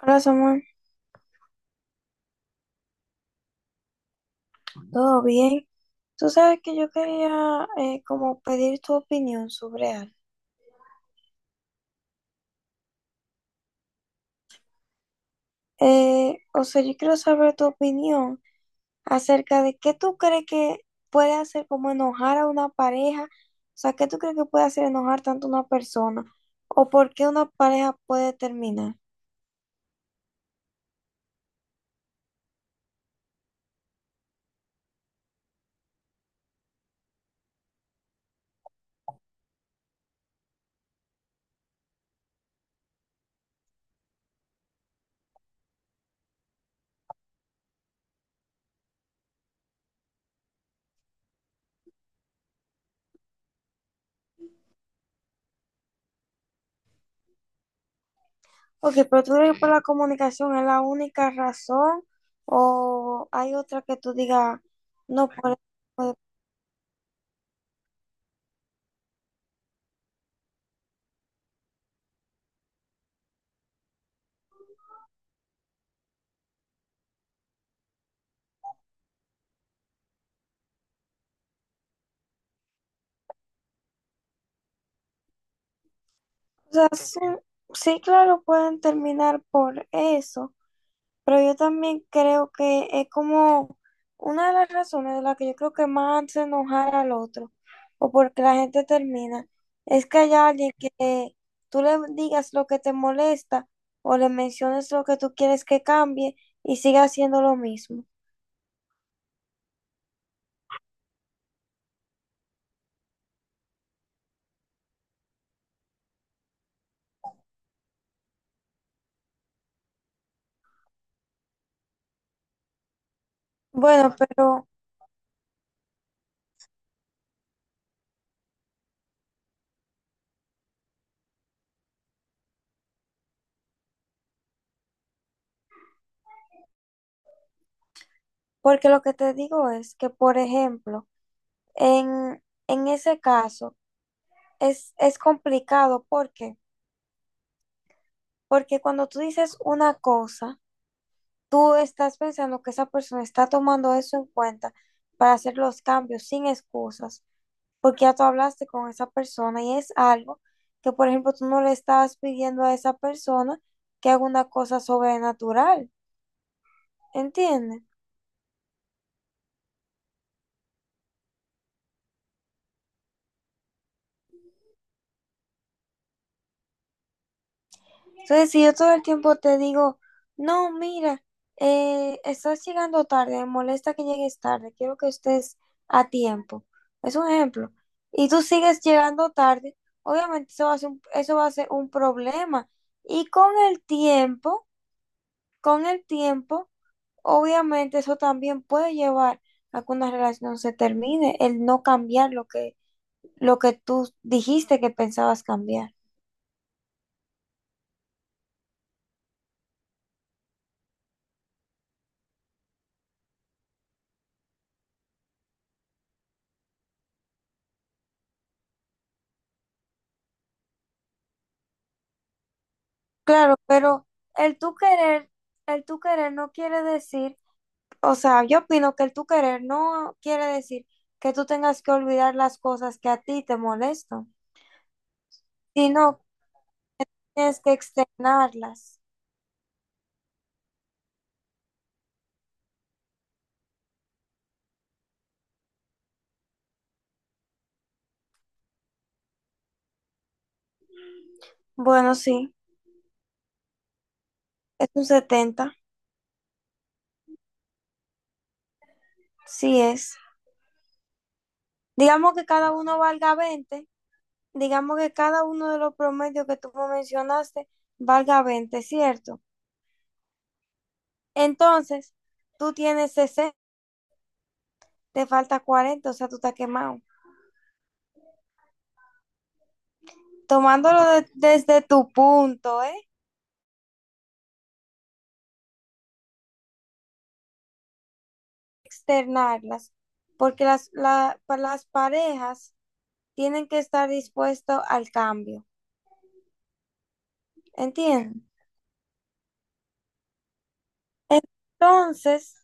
Hola Samuel, ¿todo bien? Tú sabes que yo quería como pedir tu opinión sobre algo. O sea, yo quiero saber tu opinión acerca de qué tú crees que puede hacer como enojar a una pareja. O sea, qué tú crees que puede hacer enojar tanto a una persona o por qué una pareja puede terminar. Ok, pero tú crees que por la comunicación es la única razón o hay otra que tú digas, no, por... O sea, sí, sí, claro, pueden terminar por eso, pero yo también creo que es como una de las razones de las que yo creo que más hace enojar al otro, o porque la gente termina, es que hay alguien que tú le digas lo que te molesta o le menciones lo que tú quieres que cambie y siga haciendo lo mismo. Bueno, pero porque lo que te digo es que, por ejemplo, en ese caso es complicado porque... Porque cuando tú dices una cosa, tú estás pensando que esa persona está tomando eso en cuenta para hacer los cambios sin excusas, porque ya tú hablaste con esa persona y es algo que, por ejemplo, tú no le estabas pidiendo a esa persona que haga una cosa sobrenatural, ¿entiendes? Entonces, si yo todo el tiempo te digo, no, mira, estás llegando tarde, me molesta que llegues tarde, quiero que estés a tiempo. Es un ejemplo. Y tú sigues llegando tarde, obviamente eso va a ser un problema. Y con el tiempo, obviamente eso también puede llevar a que una relación se termine, el no cambiar lo que tú dijiste que pensabas cambiar. Claro, pero el tú querer, el tú querer no quiere decir, o sea, yo opino que el tú querer no quiere decir que tú tengas que olvidar las cosas que a ti te molestan, sino que tienes que externarlas. Bueno, sí, es un 70, sí es. Digamos que cada uno valga 20. Digamos que cada uno de los promedios que tú me mencionaste valga 20, ¿cierto? Entonces, tú tienes 60, te falta 40, o sea, tú estás quemado. Tomándolo desde tu punto, ¿eh? Externarlas, porque las parejas tienen que estar dispuestas al cambio, ¿entiendes? Entonces,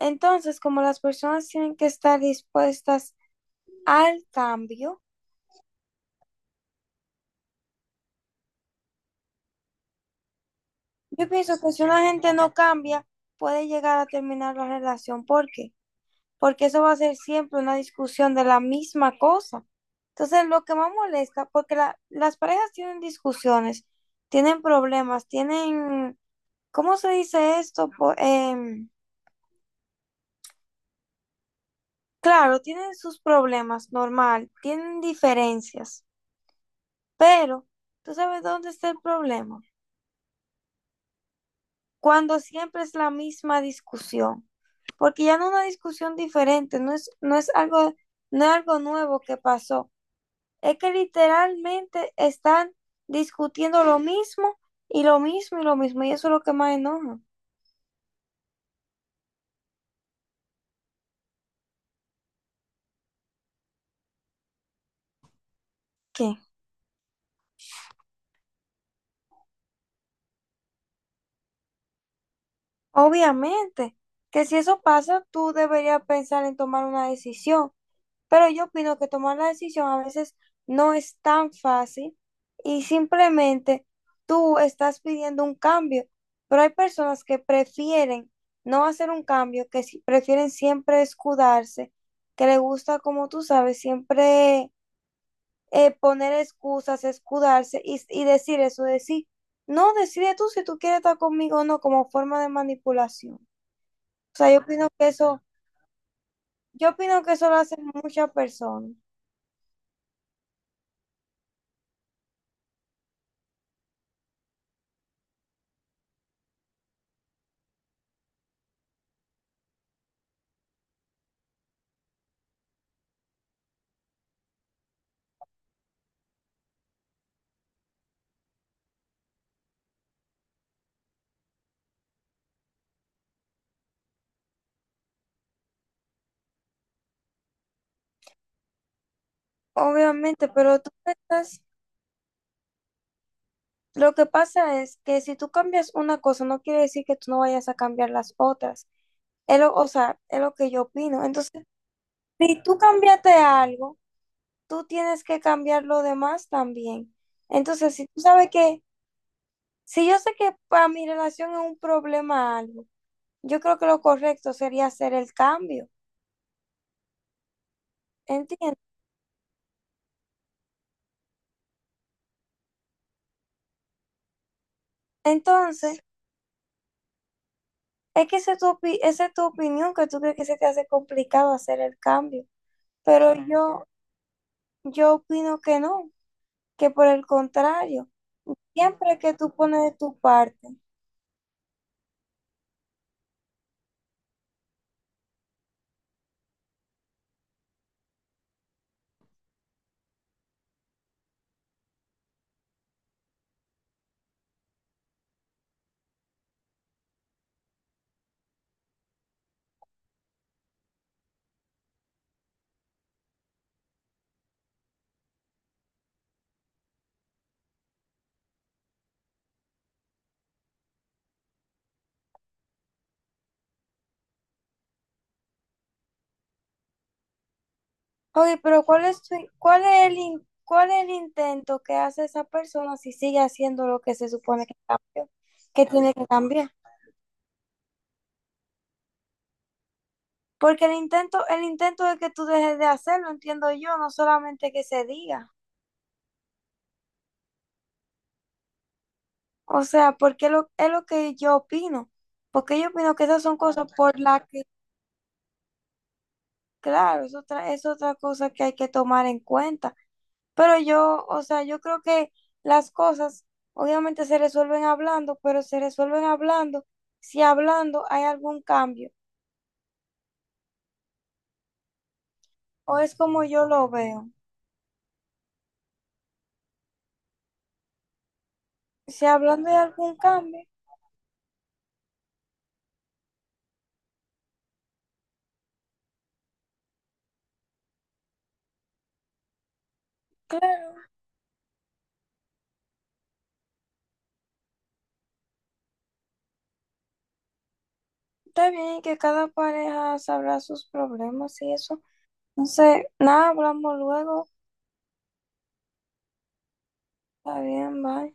entonces, como las personas tienen que estar dispuestas al cambio. Yo pienso que si una gente no cambia, puede llegar a terminar la relación. ¿Por qué? Porque eso va a ser siempre una discusión de la misma cosa. Entonces, lo que más molesta, porque las parejas tienen discusiones, tienen problemas, tienen, ¿cómo se dice esto? Claro, tienen sus problemas, normal, tienen diferencias, pero ¿tú sabes dónde está el problema? Cuando siempre es la misma discusión. Porque ya no es una discusión diferente, no es algo, no es algo nuevo que pasó, es que literalmente están discutiendo lo mismo y lo mismo y lo mismo, y eso es lo que más enoja. ¿Qué? Obviamente, que si eso pasa, tú deberías pensar en tomar una decisión. Pero yo opino que tomar la decisión a veces no es tan fácil y simplemente tú estás pidiendo un cambio, pero hay personas que prefieren no hacer un cambio, que prefieren siempre escudarse, que le gusta, como tú sabes, siempre poner excusas, escudarse y decir eso, decir, no, decide tú si tú quieres estar conmigo o no, como forma de manipulación. O sea, yo opino que eso lo hacen muchas personas. Obviamente, pero tú estás, lo que pasa es que si tú cambias una cosa, no quiere decir que tú no vayas a cambiar las otras. O sea, es lo que yo opino. Entonces, si tú cambiaste algo, tú tienes que cambiar lo demás también. Entonces, si tú sabes que, si yo sé que para mi relación es un problema algo, yo creo que lo correcto sería hacer el cambio. ¿Entiendes? Entonces, es que esa es tu opinión, que tú crees que se te hace complicado hacer el cambio. Pero yo... Yo opino que no, que por el contrario, siempre que tú pones de tu parte. Oye, pero ¿cuál es, cuál es el, cuál es el intento que hace esa persona si sigue haciendo lo que se supone que cambió, que tiene que cambiar? Porque el intento es que tú dejes de hacerlo, entiendo yo, no solamente que se diga. O sea, porque lo, es lo que yo opino. Porque yo opino que esas son cosas por las que, claro, es otra cosa que hay que tomar en cuenta. Pero yo, o sea, yo creo que las cosas obviamente se resuelven hablando, pero se resuelven hablando si hablando hay algún cambio, o es como yo lo veo. Si hablando hay algún cambio, claro, está bien que cada pareja sabrá sus problemas y eso. No sé, nada, hablamos luego. Está bien, bye.